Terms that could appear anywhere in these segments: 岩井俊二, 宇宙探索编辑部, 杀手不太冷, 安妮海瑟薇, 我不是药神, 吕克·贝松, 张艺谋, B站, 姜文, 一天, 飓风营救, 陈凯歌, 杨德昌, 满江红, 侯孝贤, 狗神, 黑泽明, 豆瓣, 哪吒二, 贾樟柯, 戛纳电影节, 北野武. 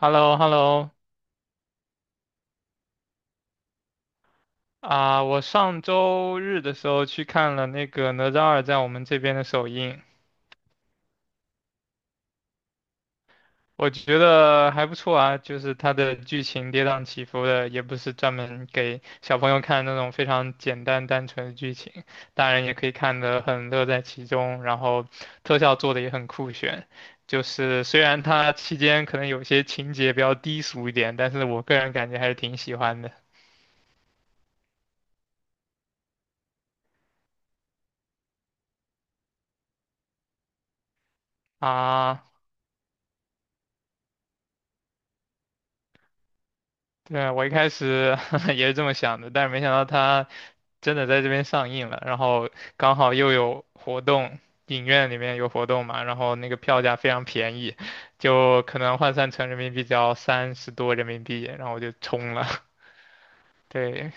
h e l l o h e l l o。 啊，我上周日的时候去看了那个《哪吒二》在我们这边的首映，我觉得还不错啊，就是它的剧情跌宕起伏的，也不是专门给小朋友看那种非常简单单纯的剧情，大人也可以看得很乐在其中，然后特效做的也很酷炫。就是虽然它期间可能有些情节比较低俗一点，但是我个人感觉还是挺喜欢的啊。对啊，我一开始 也是这么想的，但是没想到它真的在这边上映了，然后刚好又有活动，影院里面有活动嘛，然后那个票价非常便宜，就可能换算成人民币只要30多人民币，然后我就冲了。对，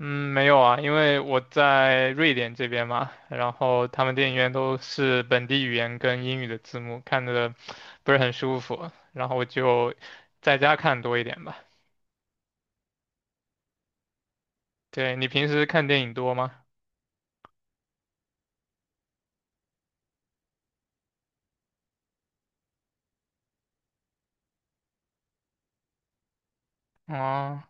嗯，没有啊，因为我在瑞典这边嘛，然后他们电影院都是本地语言跟英语的字幕，看的不是很舒服，然后我就在家看多一点吧。对，你平时看电影多吗？哦，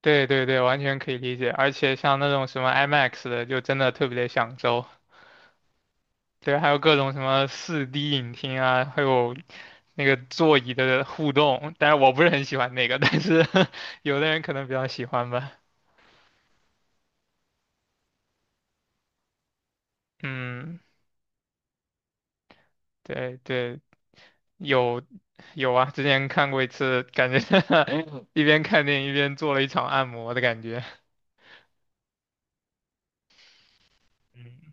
对对对，完全可以理解。而且像那种什么 IMAX 的，就真的特别的享受。对，还有各种什么4D 影厅啊，还有那个座椅的互动。但是我不是很喜欢那个，但是 有的人可能比较喜欢吧。嗯，对对，有有啊，之前看过一次，感觉 一边看电影一边做了一场按摩的感觉。嗯，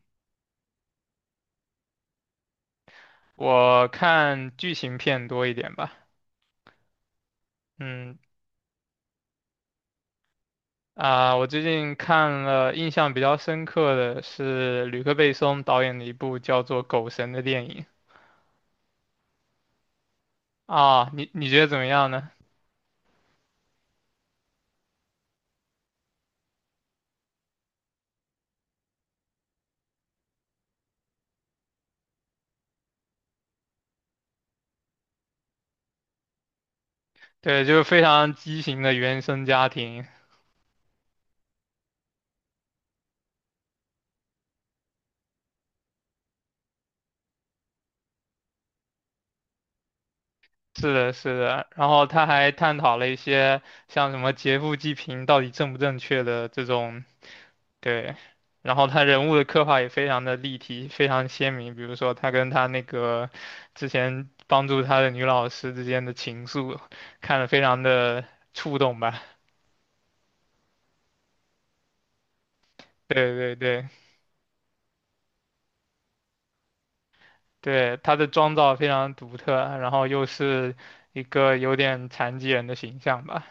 我看剧情片多一点吧。嗯，啊，我最近看了印象比较深刻的是吕克·贝松导演的一部叫做《狗神》的电影。啊，你觉得怎么样呢？对，就是非常畸形的原生家庭。是的，是的，然后他还探讨了一些像什么劫富济贫到底正不正确的这种，对，然后他人物的刻画也非常的立体，非常鲜明。比如说他跟他那个之前帮助他的女老师之间的情愫，看得非常的触动吧。对对对对，他的妆造非常独特，然后又是一个有点残疾人的形象吧，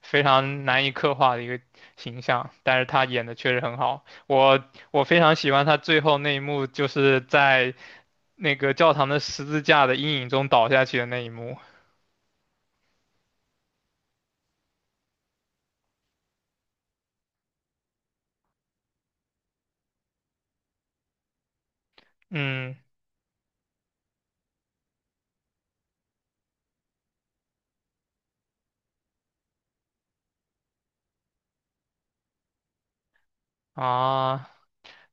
非常难以刻画的一个形象，但是他演的确实很好，我非常喜欢他最后那一幕，就是在那个教堂的十字架的阴影中倒下去的那一幕。嗯啊，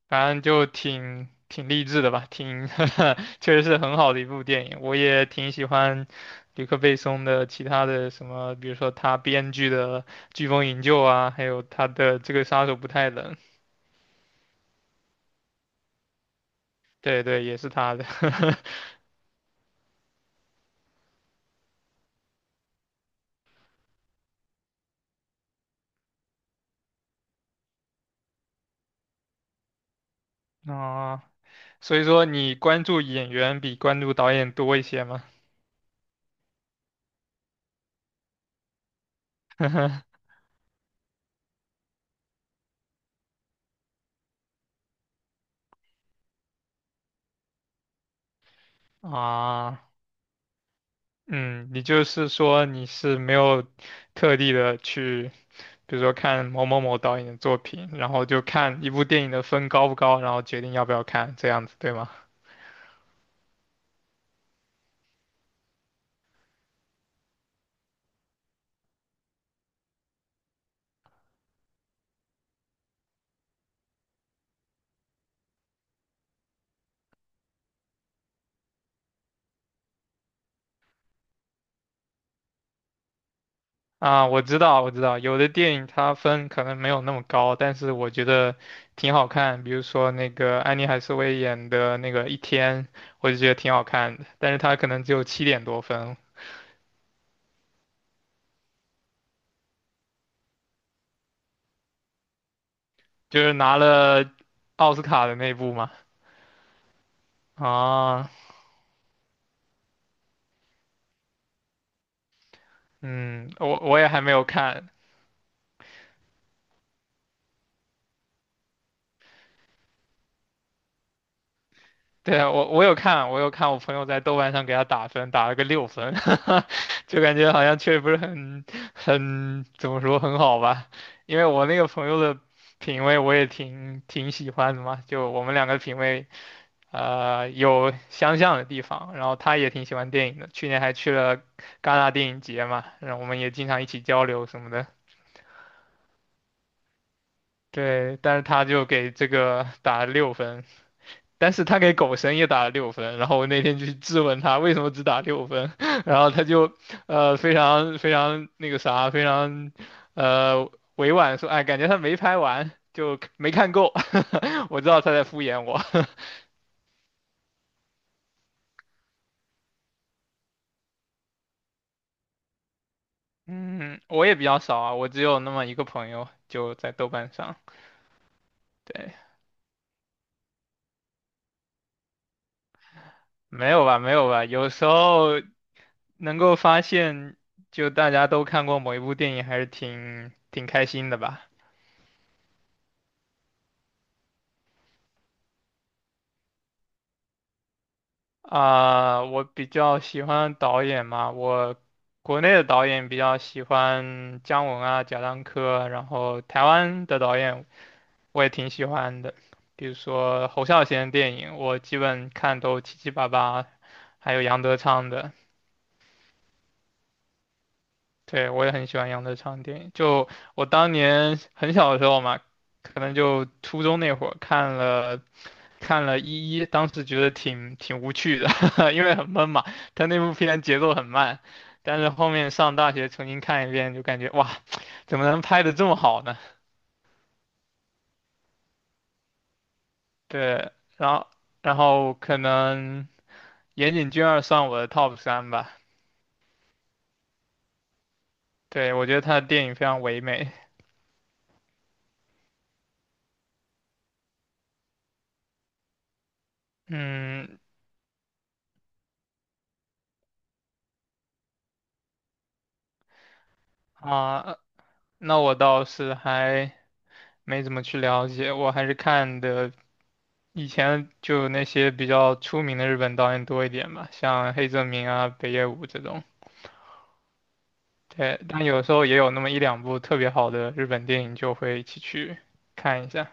反正就挺励志的吧，挺 确实是很好的一部电影。我也挺喜欢吕克贝松的其他的什么，比如说他编剧的《飓风营救》啊，还有他的这个《杀手不太冷》，对对，也是他的。啊，所以说你关注演员比关注导演多一些吗？啊，嗯，你就是说你是没有特地的去。比如说看某某某导演的作品，然后就看一部电影的分高不高，然后决定要不要看，这样子对吗？啊，我知道，我知道，有的电影它分可能没有那么高，但是我觉得挺好看。比如说那个安妮海瑟薇演的那个《一天》，我就觉得挺好看的，但是它可能只有7点多分，就是拿了奥斯卡的那部嘛。啊，嗯，我也还没有看，对啊，我有看，我有看我朋友在豆瓣上给他打分，打了个六分，就感觉好像确实不是很怎么说很好吧，因为我那个朋友的品味我也挺喜欢的嘛，就我们两个品味有相像的地方，然后他也挺喜欢电影的，去年还去了戛纳电影节嘛，然后我们也经常一起交流什么的，对，但是他就给这个打了六分，但是他给狗神也打了六分，然后我那天就去质问他为什么只打六分，然后他就非常非常那个啥，非常呃委婉说，哎，感觉他没拍完，就没看够。我知道他在敷衍我。嗯，我也比较少啊，我只有那么一个朋友，就在豆瓣上。对，没有吧，没有吧，有时候能够发现，就大家都看过某一部电影，还是挺开心的吧。啊，我比较喜欢导演嘛，我国内的导演比较喜欢姜文啊、贾樟柯，然后台湾的导演我也挺喜欢的，比如说侯孝贤的电影，我基本看都七七八八，还有杨德昌的，对，我也很喜欢杨德昌的电影。就我当年很小的时候嘛，可能就初中那会儿看了一一，当时觉得挺无趣的，因为很闷嘛。他那部片节奏很慢，但是后面上大学重新看一遍，就感觉哇，怎么能拍的这么好呢？对，然后然后可能岩井俊二算我的 top 3吧。对，我觉得他的电影非常唯美。嗯啊，那我倒是还没怎么去了解，我还是看的。以前就那些比较出名的日本导演多一点吧，像黑泽明啊、北野武这种。对，但有时候也有那么一两部特别好的日本电影，就会一起去看一下。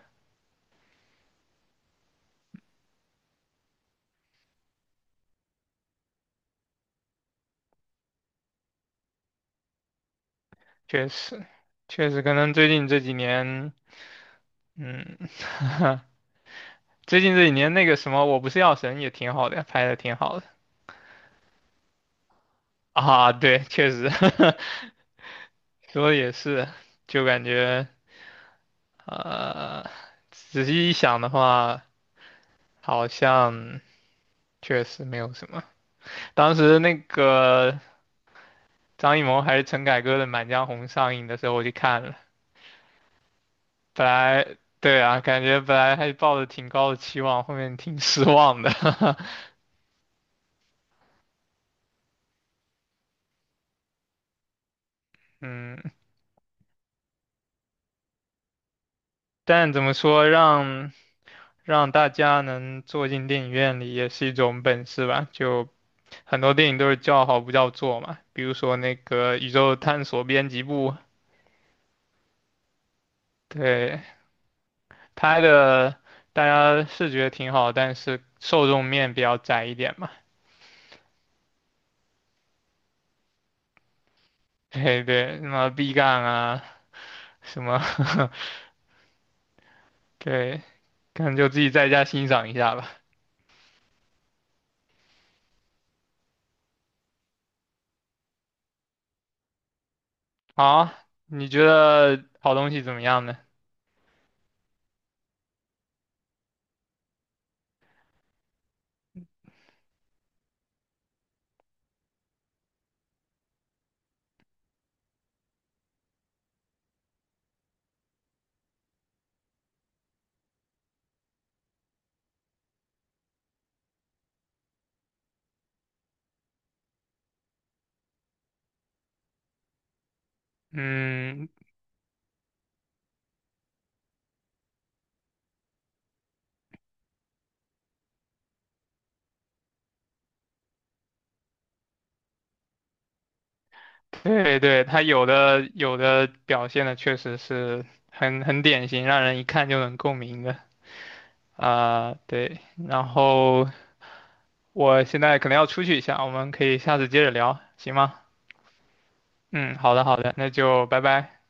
确实，确实，可能最近这几年，嗯，最近这几年那个什么，我不是药神也挺好的，拍的挺好的啊。对，确实，说的也是，就感觉呃，仔细一想的话，好像确实没有什么。当时那个张艺谋还是陈凯歌的《满江红》上映的时候，我去看了。本来对啊，感觉本来还抱着挺高的期望，后面挺失望的。嗯，但怎么说，让大家能坐进电影院里也是一种本事吧。就很多电影都是叫好不叫座嘛，比如说那个《宇宙探索编辑部》，对，拍的大家是觉得挺好，但是受众面比较窄一点嘛。对对，什么 B站啊，什么，对，可能就自己在家欣赏一下吧。好，你觉得好东西怎么样呢？嗯，对对，它有的表现的确实是很典型，让人一看就能共鸣的啊，对。然后我现在可能要出去一下，我们可以下次接着聊，行吗？嗯，好的好的，那就拜拜。